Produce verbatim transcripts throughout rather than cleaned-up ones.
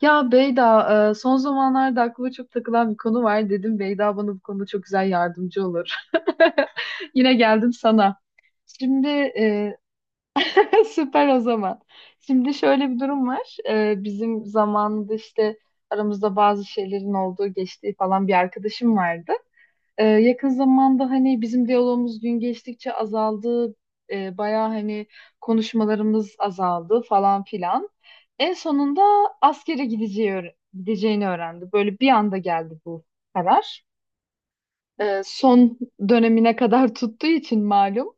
Ya Beyda, e, son zamanlarda aklıma çok takılan bir konu var. Dedim Beyda bana bu konuda çok güzel yardımcı olur. Yine geldim sana. Şimdi e, süper o zaman. Şimdi şöyle bir durum var. E, bizim zamanında işte aramızda bazı şeylerin olduğu, geçtiği falan bir arkadaşım vardı. Ee, yakın zamanda hani bizim diyalogumuz gün geçtikçe azaldı. Ee, bayağı hani konuşmalarımız azaldı falan filan. En sonunda askere gideceği öğre- gideceğini öğrendi. Böyle bir anda geldi bu karar. Ee, son dönemine kadar tuttuğu için malum.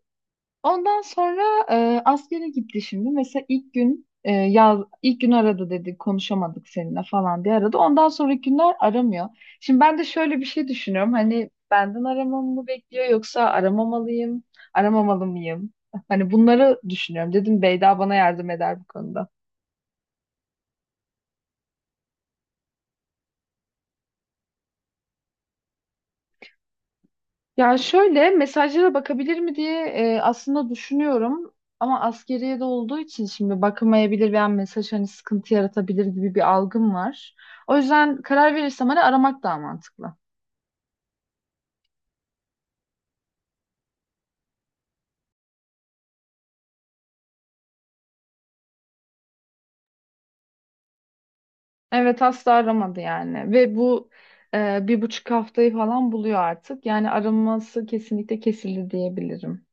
Ondan sonra e, askere gitti şimdi. Mesela ilk gün e, yaz ilk gün aradı dedi konuşamadık seninle falan diye aradı. Ondan sonraki günler aramıyor. Şimdi ben de şöyle bir şey düşünüyorum. Hani benden aramamı mı bekliyor yoksa aramamalıyım, aramamalı mıyım? Hani bunları düşünüyorum. Dedim Beyda bana yardım eder bu konuda. Ya şöyle mesajlara bakabilir mi diye e, aslında düşünüyorum ama askeriye de olduğu için şimdi bakamayabilir veya mesaj hani sıkıntı yaratabilir gibi bir algım var. O yüzden karar verirsem hani aramak daha mantıklı. Evet asla aramadı yani ve bu e, bir buçuk haftayı falan buluyor artık. Yani araması kesinlikle kesildi diyebilirim.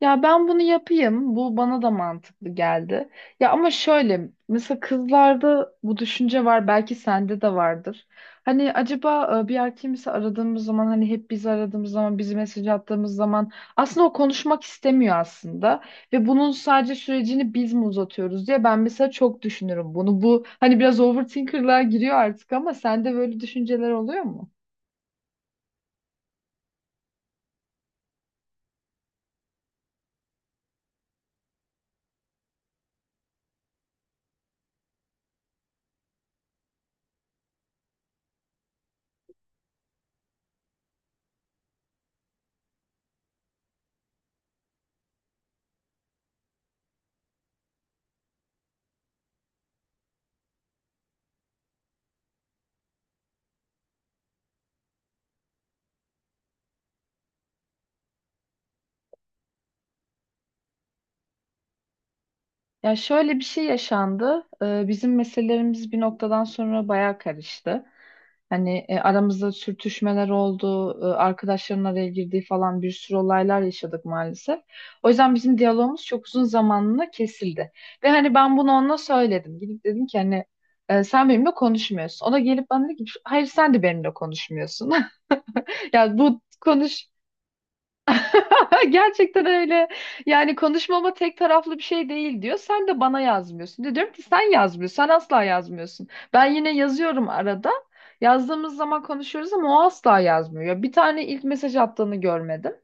Ya ben bunu yapayım. Bu bana da mantıklı geldi. Ya ama şöyle mesela kızlarda bu düşünce var. Belki sende de vardır. Hani acaba e, bir erkeği mesela aradığımız zaman hani hep biz aradığımız zaman bizi mesaj attığımız zaman aslında o konuşmak istemiyor aslında. Ve bunun sadece sürecini biz mi uzatıyoruz diye ben mesela çok düşünürüm bunu. Bu hani biraz overthinker'lığa giriyor artık ama sende böyle düşünceler oluyor mu? Ya şöyle bir şey yaşandı. Ee, bizim meselelerimiz bir noktadan sonra bayağı karıştı. Hani e, aramızda sürtüşmeler oldu, e, arkadaşların araya girdiği falan bir sürü olaylar yaşadık maalesef. O yüzden bizim diyalogumuz çok uzun zamanla kesildi. Ve hani ben bunu ona söyledim. Gidip dedim ki hani e, sen benimle konuşmuyorsun. O da gelip bana dedi ki hayır sen de benimle konuşmuyorsun. Ya bu konuş Gerçekten öyle. Yani konuşmama tek taraflı bir şey değil diyor. Sen de bana yazmıyorsun. De diyorum ki sen yazmıyorsun. Sen asla yazmıyorsun. Ben yine yazıyorum arada. Yazdığımız zaman konuşuyoruz ama o asla yazmıyor. Ya, bir tane ilk mesaj attığını görmedim.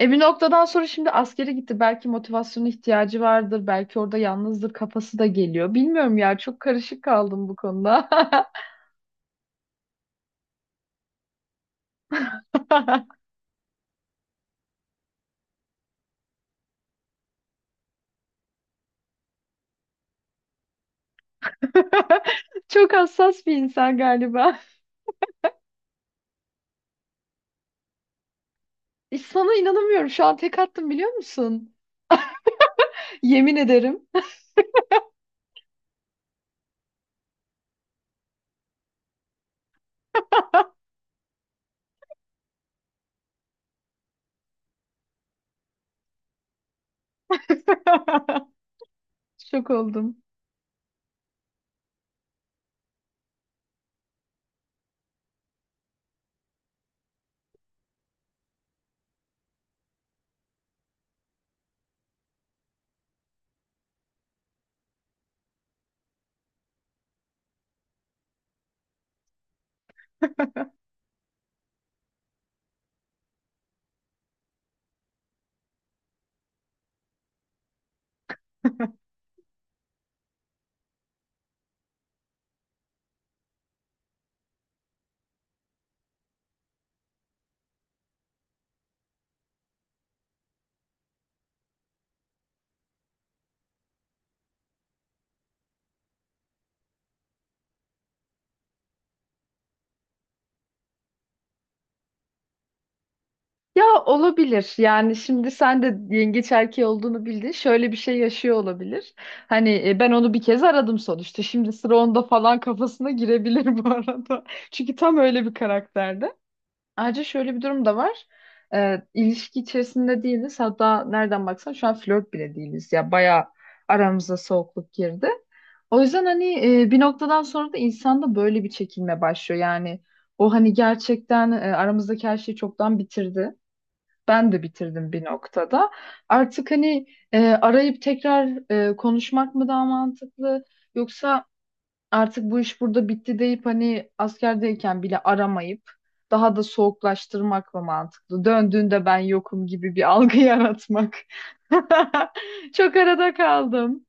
E bir noktadan sonra şimdi askere gitti. Belki motivasyona ihtiyacı vardır. Belki orada yalnızdır. Kafası da geliyor. Bilmiyorum ya. Çok karışık kaldım bu konuda. Çok hassas bir insan galiba. E, Sana inanamıyorum. Şu an tek attım biliyor musun? Yemin ederim. Şok oldum. Ya olabilir. Yani şimdi sen de yengeç erkeği olduğunu bildin. Şöyle bir şey yaşıyor olabilir. Hani e, ben onu bir kez aradım sonuçta. Şimdi sıra onda falan kafasına girebilir bu arada. Çünkü tam öyle bir karakterdi. Ayrıca şöyle bir durum da var. Ee, ilişki içerisinde değiliz. Hatta nereden baksan şu an flört bile değiliz. Ya bayağı aramıza soğukluk girdi. O yüzden hani e, bir noktadan sonra da insanda böyle bir çekilme başlıyor. Yani o hani gerçekten e, aramızdaki her şeyi çoktan bitirdi. Ben de bitirdim bir noktada. Artık hani e, arayıp tekrar e, konuşmak mı daha mantıklı? Yoksa artık bu iş burada bitti deyip hani askerdeyken bile aramayıp daha da soğuklaştırmak mı mantıklı? Döndüğünde ben yokum gibi bir algı yaratmak. Çok arada kaldım.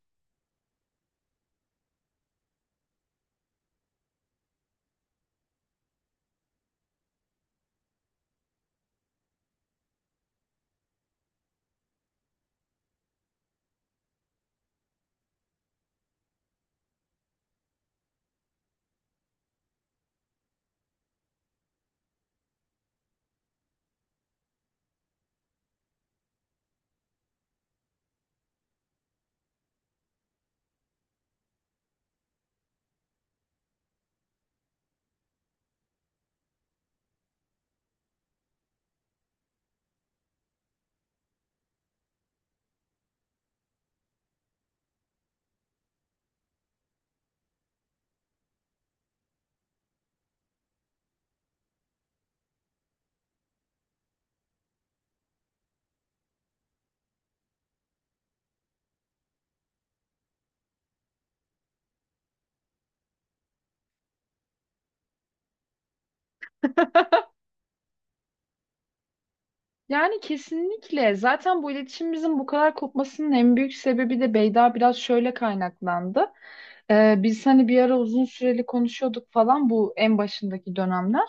Yani kesinlikle. Zaten bu iletişimimizin bu kadar kopmasının en büyük sebebi de Beyda biraz şöyle kaynaklandı. Ee, biz hani bir ara uzun süreli konuşuyorduk falan bu en başındaki dönemler.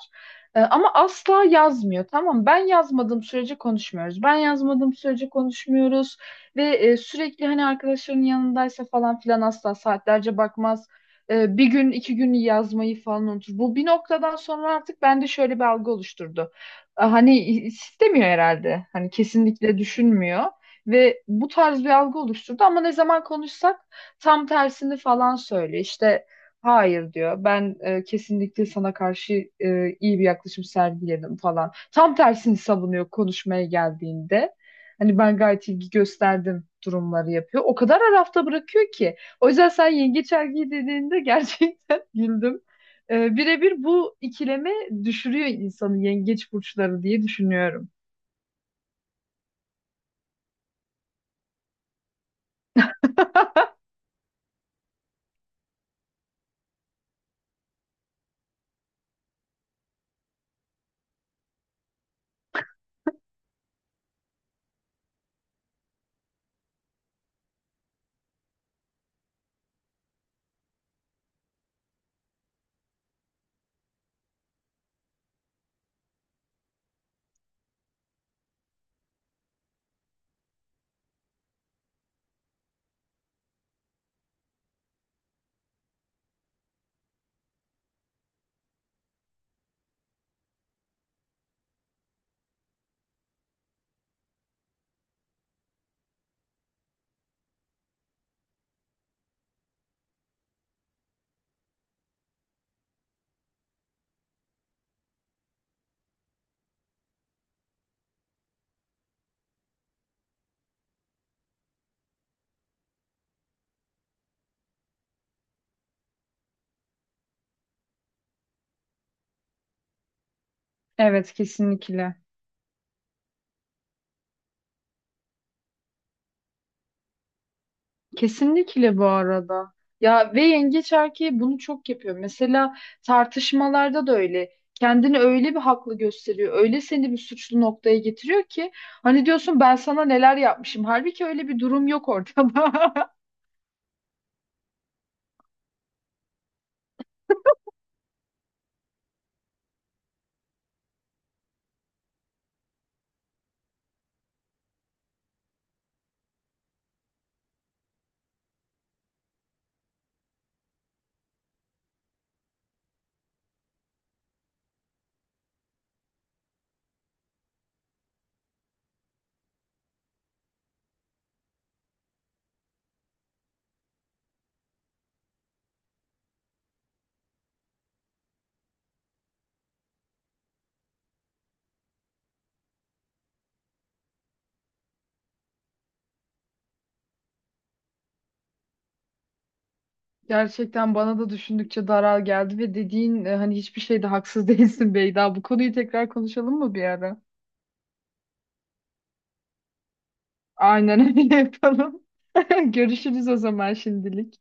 Ee, ama asla yazmıyor. Tamam mı? Ben yazmadığım sürece konuşmuyoruz. Ben yazmadığım sürece konuşmuyoruz. Ve e, sürekli hani arkadaşlarının yanındaysa falan filan asla saatlerce bakmaz. Ee, bir gün iki gün yazmayı falan unutur. Bu bir noktadan sonra artık bende şöyle bir algı oluşturdu. Ee, hani istemiyor herhalde. Hani kesinlikle düşünmüyor ve bu tarz bir algı oluşturdu ama ne zaman konuşsak tam tersini falan söylüyor. İşte hayır diyor. Ben e, kesinlikle sana karşı e, iyi bir yaklaşım sergiledim falan. Tam tersini savunuyor konuşmaya geldiğinde. Hani ben gayet ilgi gösterdim durumları yapıyor. O kadar arafta bırakıyor ki. O yüzden sen yengeç erkeği dediğinde gerçekten güldüm. Ee, birebir bu ikileme düşürüyor insanı yengeç burçları diye düşünüyorum. Evet kesinlikle. Kesinlikle bu arada. Ya ve yengeç erkeği bunu çok yapıyor. Mesela tartışmalarda da öyle. Kendini öyle bir haklı gösteriyor. Öyle seni bir suçlu noktaya getiriyor ki hani diyorsun ben sana neler yapmışım. Halbuki öyle bir durum yok ortada. Gerçekten bana da düşündükçe daral geldi ve dediğin e, hani hiçbir şeyde haksız değilsin Beyda. Bu konuyu tekrar konuşalım mı bir ara? Aynen öyle yapalım. Görüşürüz o zaman şimdilik.